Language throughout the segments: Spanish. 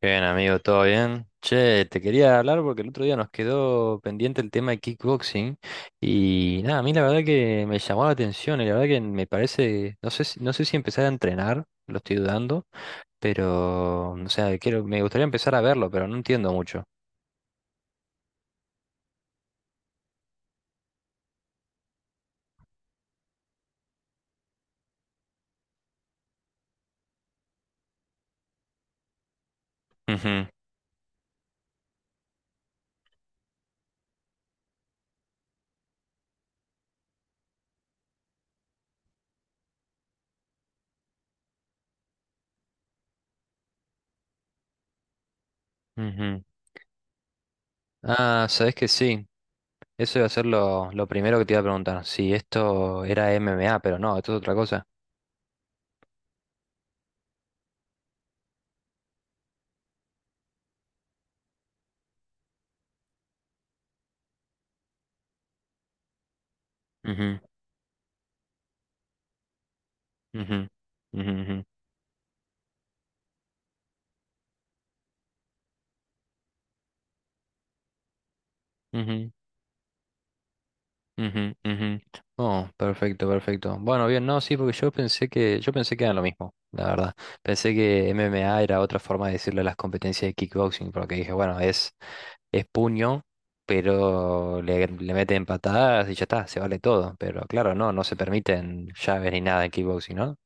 Bien, amigo, ¿todo bien? Che, te quería hablar porque el otro día nos quedó pendiente el tema de kickboxing y nada, a mí la verdad que me llamó la atención y la verdad que me parece, no sé si empezar a entrenar, lo estoy dudando, pero, o sea, quiero, me gustaría empezar a verlo, pero no entiendo mucho. Ujú, ujú. Ah, sabes que sí, eso iba a ser lo primero que te iba a preguntar, si esto era MMA, pero no, esto es otra cosa. Ujú, ujú, ujú, ujú, ujú. Ujú, ujú. Oh, perfecto, perfecto. Bueno, bien, no, sí, porque yo pensé que era lo mismo, la verdad. Pensé que MMA era otra forma de decirle a las competencias de kickboxing, porque dije, bueno, es puño, pero le meten patadas y ya está, se vale todo. Pero claro, no, no se permiten llaves ni nada en kickboxing, ¿no?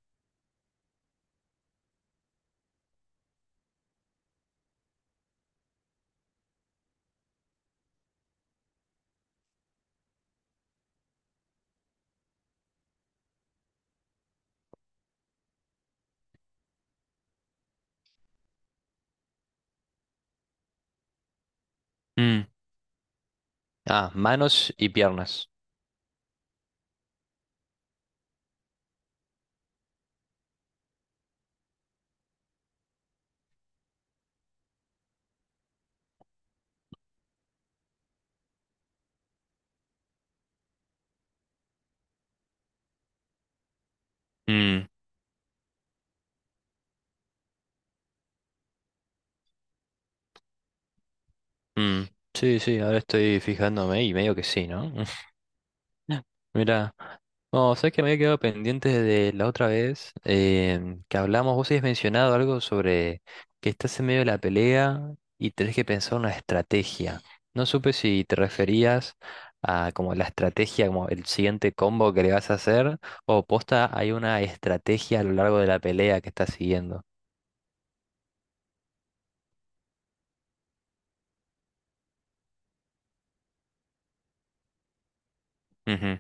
Mm. Ah, manos y piernas. Mm, mm. Sí, ahora estoy fijándome y medio que sí, ¿no? Mira, no, sabes que me había quedado pendiente de la otra vez que hablamos. Vos habías mencionado algo sobre que estás en medio de la pelea y tenés que pensar una estrategia. No supe si te referías a como la estrategia, como el siguiente combo que le vas a hacer, o posta hay una estrategia a lo largo de la pelea que estás siguiendo. Ujú,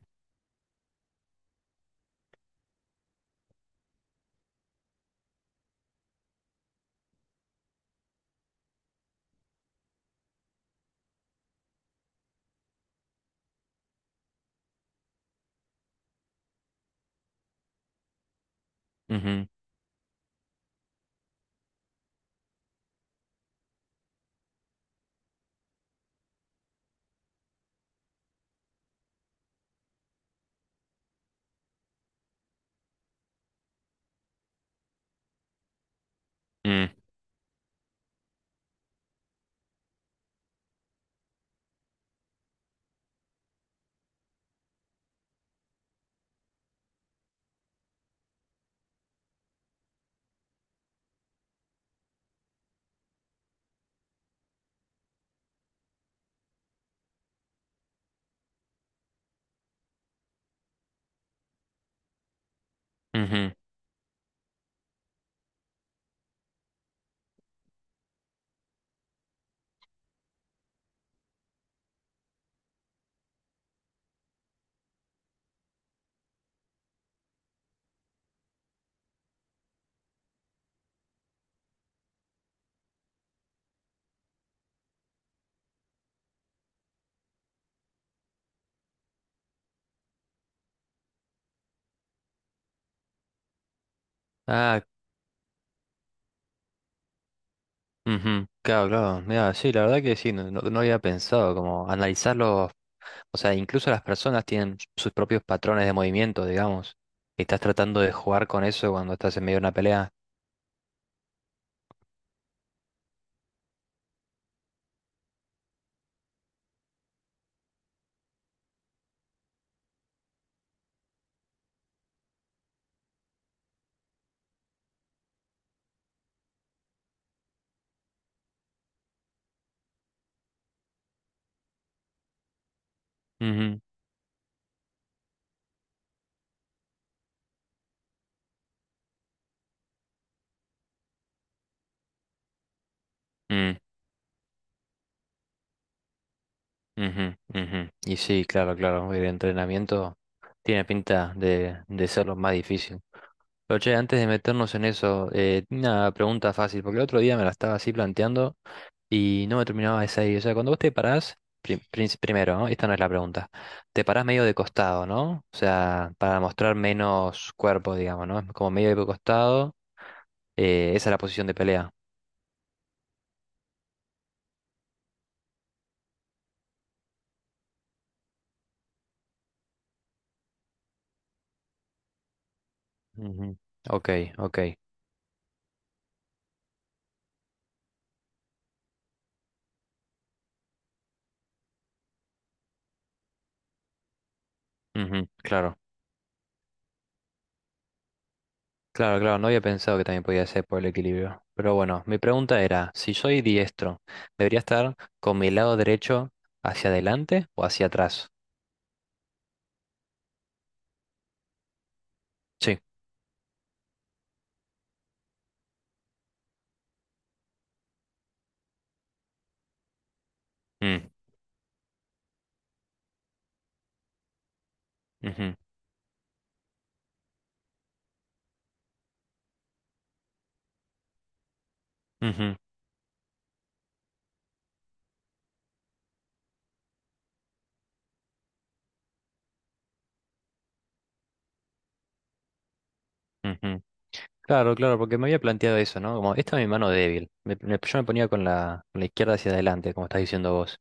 ujú, mm, ujú. Ah, ujú, claro, claro. Mira, sí, la verdad que sí, no, no había pensado como analizarlo. O sea, incluso las personas tienen sus propios patrones de movimiento, digamos. Y estás tratando de jugar con eso cuando estás en medio de una pelea. Ujú, mm, ujú, ujú. Y sí, claro, claro. El entrenamiento tiene pinta de ser lo más difícil. Pero che, antes de meternos en eso, una pregunta fácil, porque el otro día me la estaba así planteando y no me terminaba de salir. O sea, cuando vos te parás, primero, ¿no? Esta no es la pregunta. Te parás medio de costado, ¿no? O sea, para mostrar menos cuerpo, digamos, ¿no? Como medio de costado. Esa es la posición de pelea. Ujú. Ok, ok. Ujú, claro, claro, claro. No había pensado que también podía ser por el equilibrio. Pero bueno, mi pregunta era, si soy diestro, ¿debería estar con mi lado derecho hacia adelante o hacia atrás? Sí. Mm, ujú, ujú, ujú, claro, claro, porque me había planteado eso, ¿no? Como, esta es mi mano débil. Yo me ponía con la izquierda hacia adelante, como estás diciendo vos.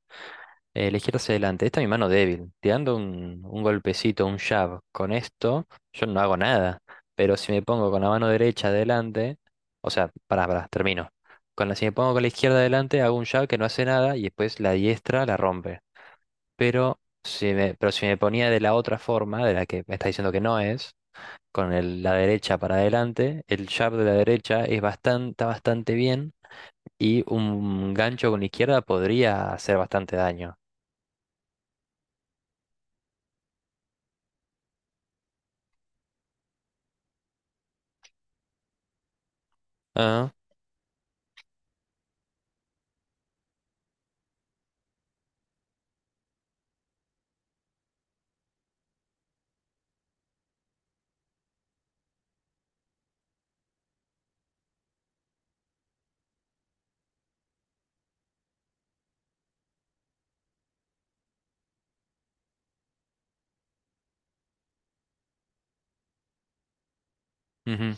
La izquierda hacia adelante, esta es mi mano débil. Tirando un golpecito, un jab con esto, yo no hago nada. Pero si me pongo con la mano derecha adelante, o sea, pará, pará, termino. Con la, si me pongo con la izquierda adelante, hago un jab que no hace nada y después la diestra la rompe. Pero si me ponía de la otra forma, de la que me está diciendo que no es con la derecha para adelante, el jab de la derecha es bastante, está bastante bien y un gancho con la izquierda podría hacer bastante daño. Ah, ujú,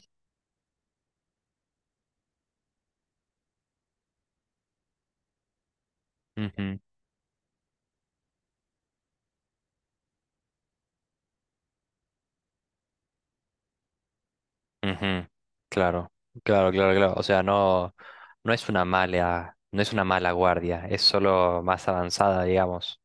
ujú, ujú. Claro, claro, claro, claro. O sea, no, no es una mala guardia, es solo más avanzada, digamos.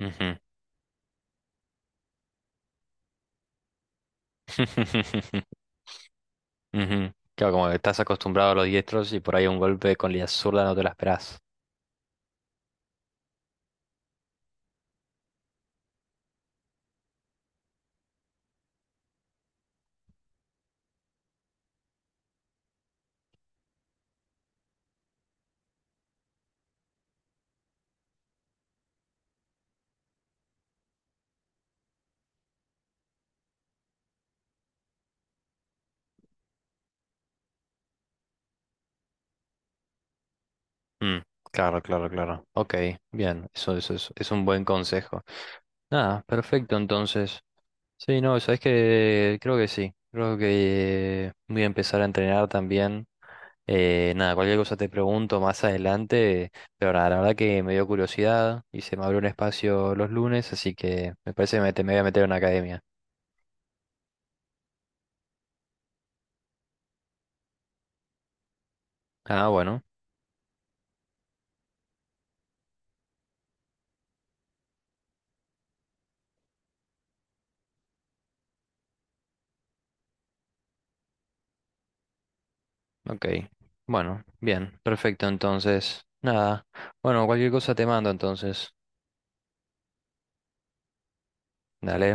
Ujú. Ujú. Claro, como que estás acostumbrado a los diestros y por ahí un golpe con la zurda no te la esperás. Mm, claro, claro, claro. Ok, bien, eso es un buen consejo. Nada, perfecto, entonces. Sí, no, sabes que creo que sí. Creo que voy a empezar a entrenar también. Nada, cualquier cosa te pregunto más adelante, pero nada, la verdad que me dio curiosidad y se me abrió un espacio los lunes, así que me parece que me voy a meter en una academia. Ah, bueno, ok. Bueno, bien, perfecto, entonces. Nada, bueno, cualquier cosa te mando entonces. Dale.